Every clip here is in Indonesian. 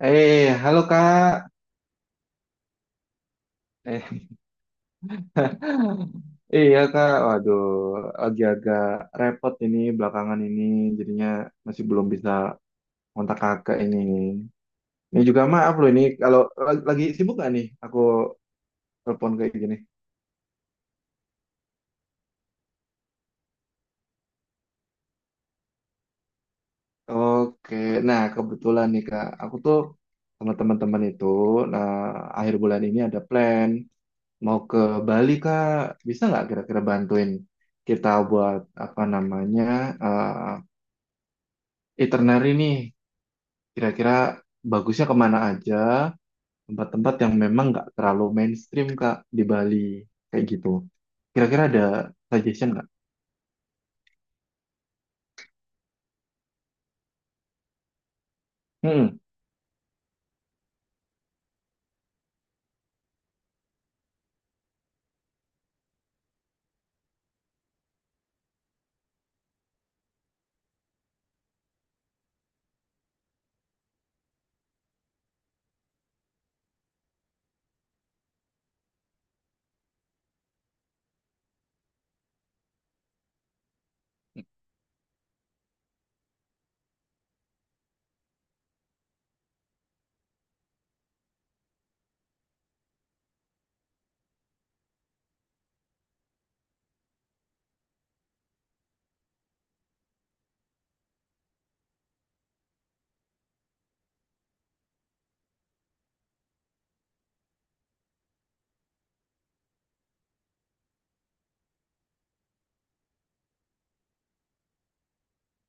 Eh, halo Kak. Eh, iya Kak. Waduh, lagi agak repot ini belakangan ini. Jadinya masih belum bisa kontak Kakak ini. Ini juga maaf loh ini kalau lagi sibuk gak nih aku telepon kayak gini. Oke, nah kebetulan nih Kak, aku tuh sama teman-teman itu, nah akhir bulan ini ada plan mau ke Bali Kak, bisa nggak kira-kira bantuin kita buat apa namanya eh, itinerary nih kira-kira bagusnya kemana aja tempat-tempat yang memang nggak terlalu mainstream Kak di Bali kayak gitu. Kira-kira ada suggestion nggak? Hmm.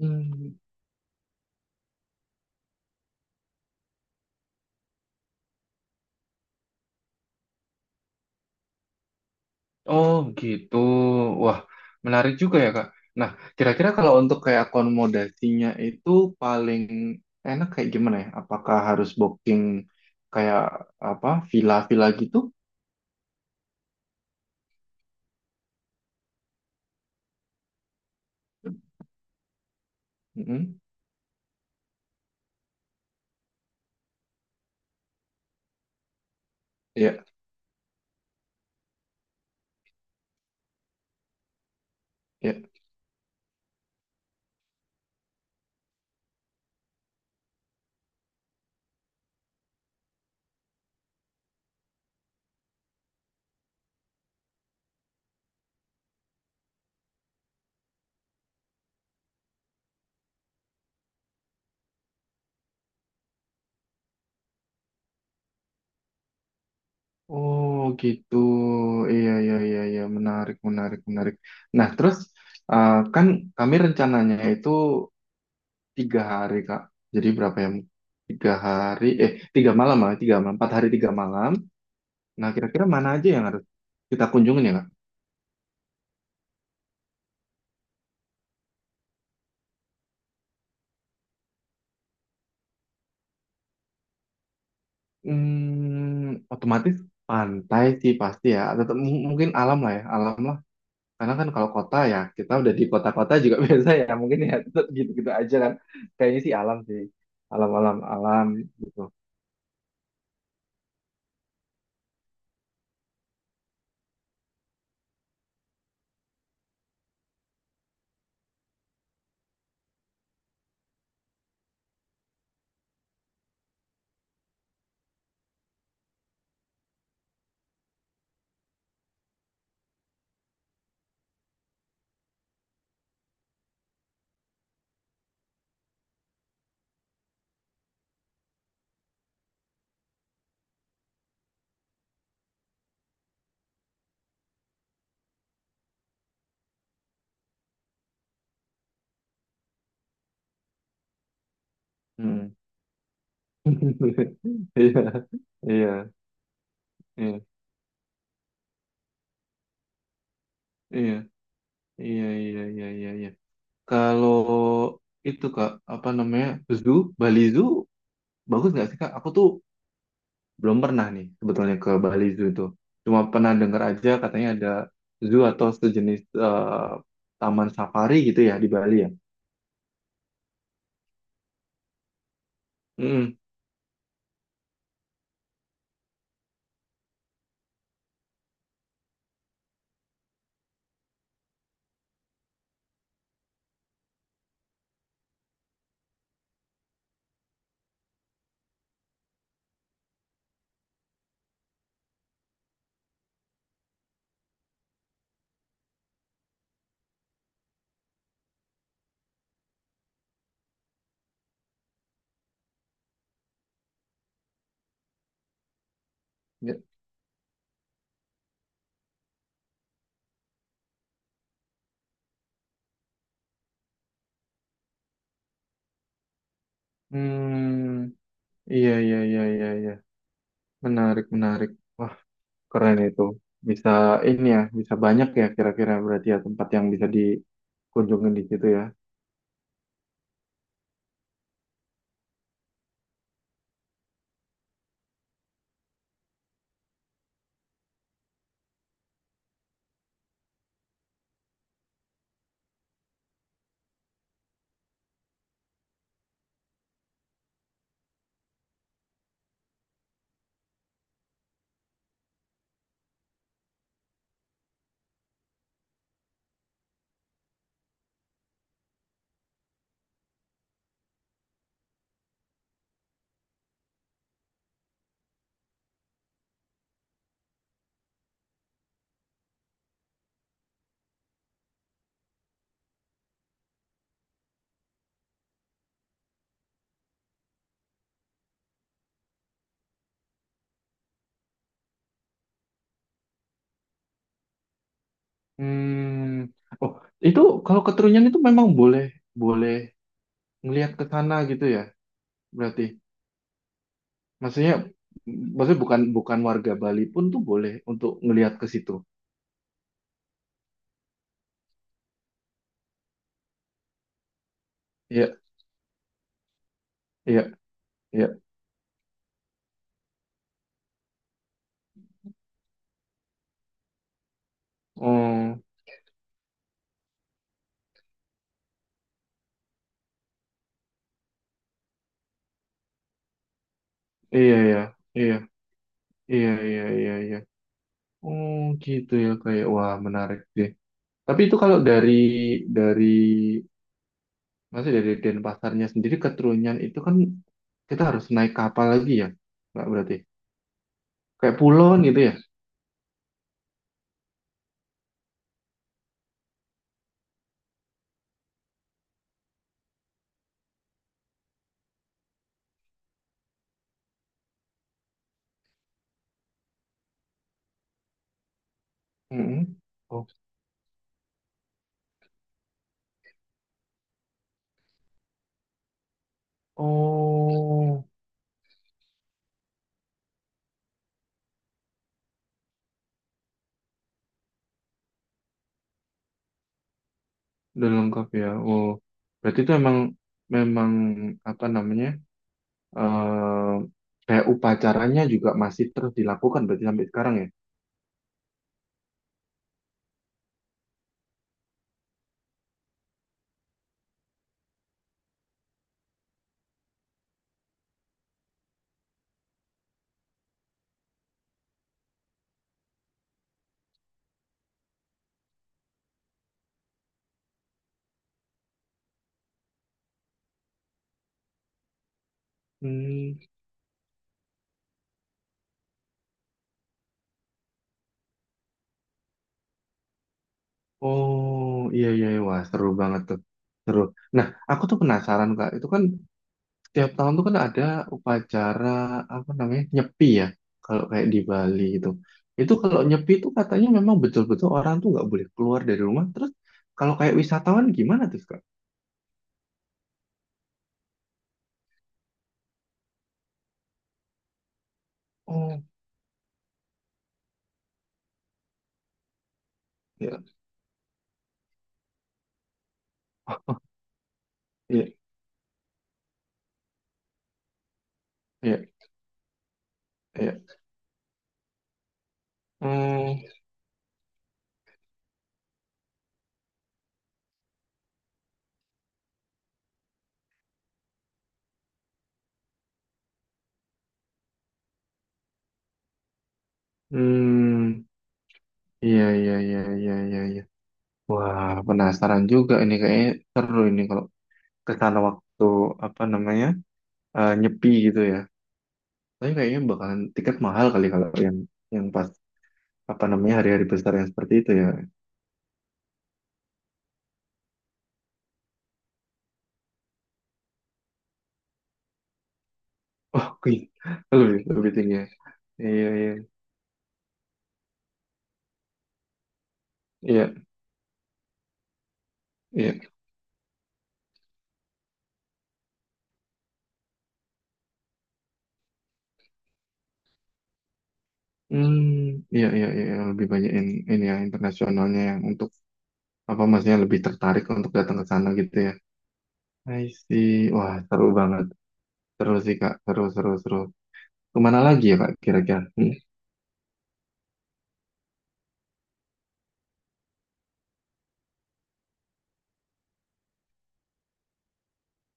Hmm. Oh gitu. Wah, menarik juga ya, Kak. Nah, kira-kira kalau untuk kayak akomodasinya itu paling enak kayak gimana ya? Apakah harus booking kayak apa villa-villa gitu? Hmm. Mm. Ya, ya. Oh gitu, iya iya iya iya, menarik menarik menarik. Nah terus kan kami rencananya itu tiga hari Kak, jadi berapa ya? Tiga hari, eh tiga malam lah, tiga malam, empat hari tiga malam. Nah kira-kira mana aja yang harus kita kunjungin ya Kak? Hmm, otomatis pantai sih pasti ya, atau mungkin alam lah ya, alam lah. Karena kan kalau kota ya, kita udah di kota-kota juga biasa ya, mungkin ya tetep gitu-gitu aja kan. Kayaknya sih alam sih, alam-alam alam gitu. Hmm. Iya, iya, iya, iya, iya, iya, iya, iya, iya. Kalau itu Kak, apa namanya, zoo, Bali Zoo, bagus nggak sih Kak? Aku tuh belum pernah nih sebetulnya ke Bali Zoo itu. Cuma pernah dengar aja katanya ada zoo atau sejenis eh, taman safari gitu ya di Bali ya. Hmm. Hmm, iya iya iya iya iya. Menarik menarik. Wah, keren itu. Bisa ini ya, bisa banyak ya kira-kira berarti ya tempat yang bisa dikunjungi di situ ya. Hmm. Oh, itu kalau ke Trunyan itu memang boleh boleh ngelihat ke sana gitu ya. Berarti maksudnya maksudnya bukan bukan warga Bali pun tuh boleh untuk ngelihat ke situ. Iya, iya, iya. Oh, iya iya. Iya, iya iya iya iya. Oh, gitu ya kayak wah menarik sih. Tapi itu kalau dari dari masih dari Denpasarnya sendiri ke Trunyan itu kan kita harus naik kapal lagi ya, nggak berarti kayak pulau kan gitu ya? Mm-mm. Oh, oh, udah lengkap ya. Oh, berarti itu emang memang apa namanya eh kayak upacaranya juga masih terus dilakukan berarti sampai sekarang ya? Hmm. Oh, iya iya, iya. Wah seru banget tuh, seru. Nah, aku tuh penasaran Kak, itu kan tiap tahun tuh kan ada upacara apa namanya nyepi ya kalau kayak di Bali itu kalau nyepi itu katanya memang betul-betul orang tuh nggak boleh keluar dari rumah terus kalau kayak wisatawan gimana tuh kak. Oh ya. Iya iya iya. Hmm. Hmm, iya iya iya iya iya iya, wah penasaran juga ini kayaknya seru ini kalau ke sana waktu apa namanya nyepi gitu ya, tapi kayaknya bakalan tiket mahal kali kalau yang pas apa namanya hari-hari besar yang seperti itu ya. Oh, Queen. Lebih lebih tinggi. Ya. Iya, iya. Iya, iya. Hmm, iya, iya, iya, lebih banyak ini ya internasionalnya yang untuk apa maksudnya lebih tertarik untuk datang ke sana gitu ya. I see. Wah, seru banget. Seru sih, Kak. Seru, seru, seru. Kemana lagi ya, Kak, kira-kira? Hmm,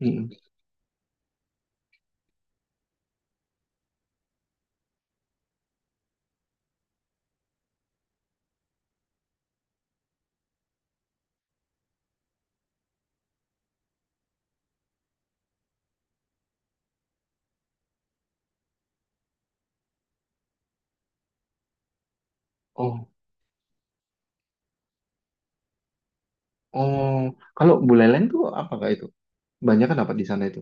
hmm. Hmm. Oh, oh. Kalau Buleleng tuh apa, Kak, itu? Banyak kan apa di sana itu?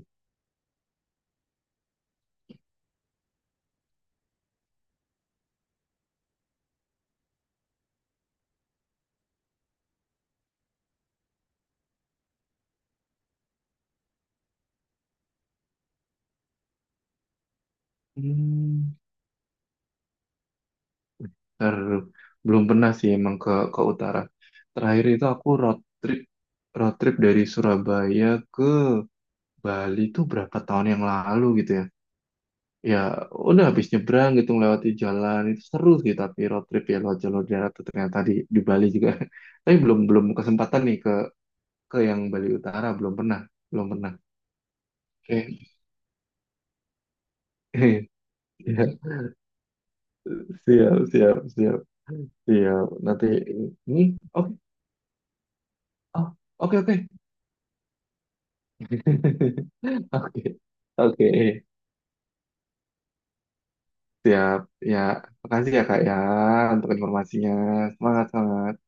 Hmm. Ter, belum pernah sih emang ke utara. Terakhir itu aku road trip dari Surabaya ke Bali tuh berapa tahun yang lalu gitu ya. Ya udah habis nyebrang gitu melewati jalan itu seru sih tapi road trip ya lewat jalur darat tuh ternyata di Bali juga. Tapi belum belum kesempatan nih ke yang Bali Utara, belum pernah. Oke. Ya, siap siap nanti ini, oke oh, oke oke. Oke, oke, siap. Ya, makasih ya Kak ya untuk informasinya. Semangat, semangat.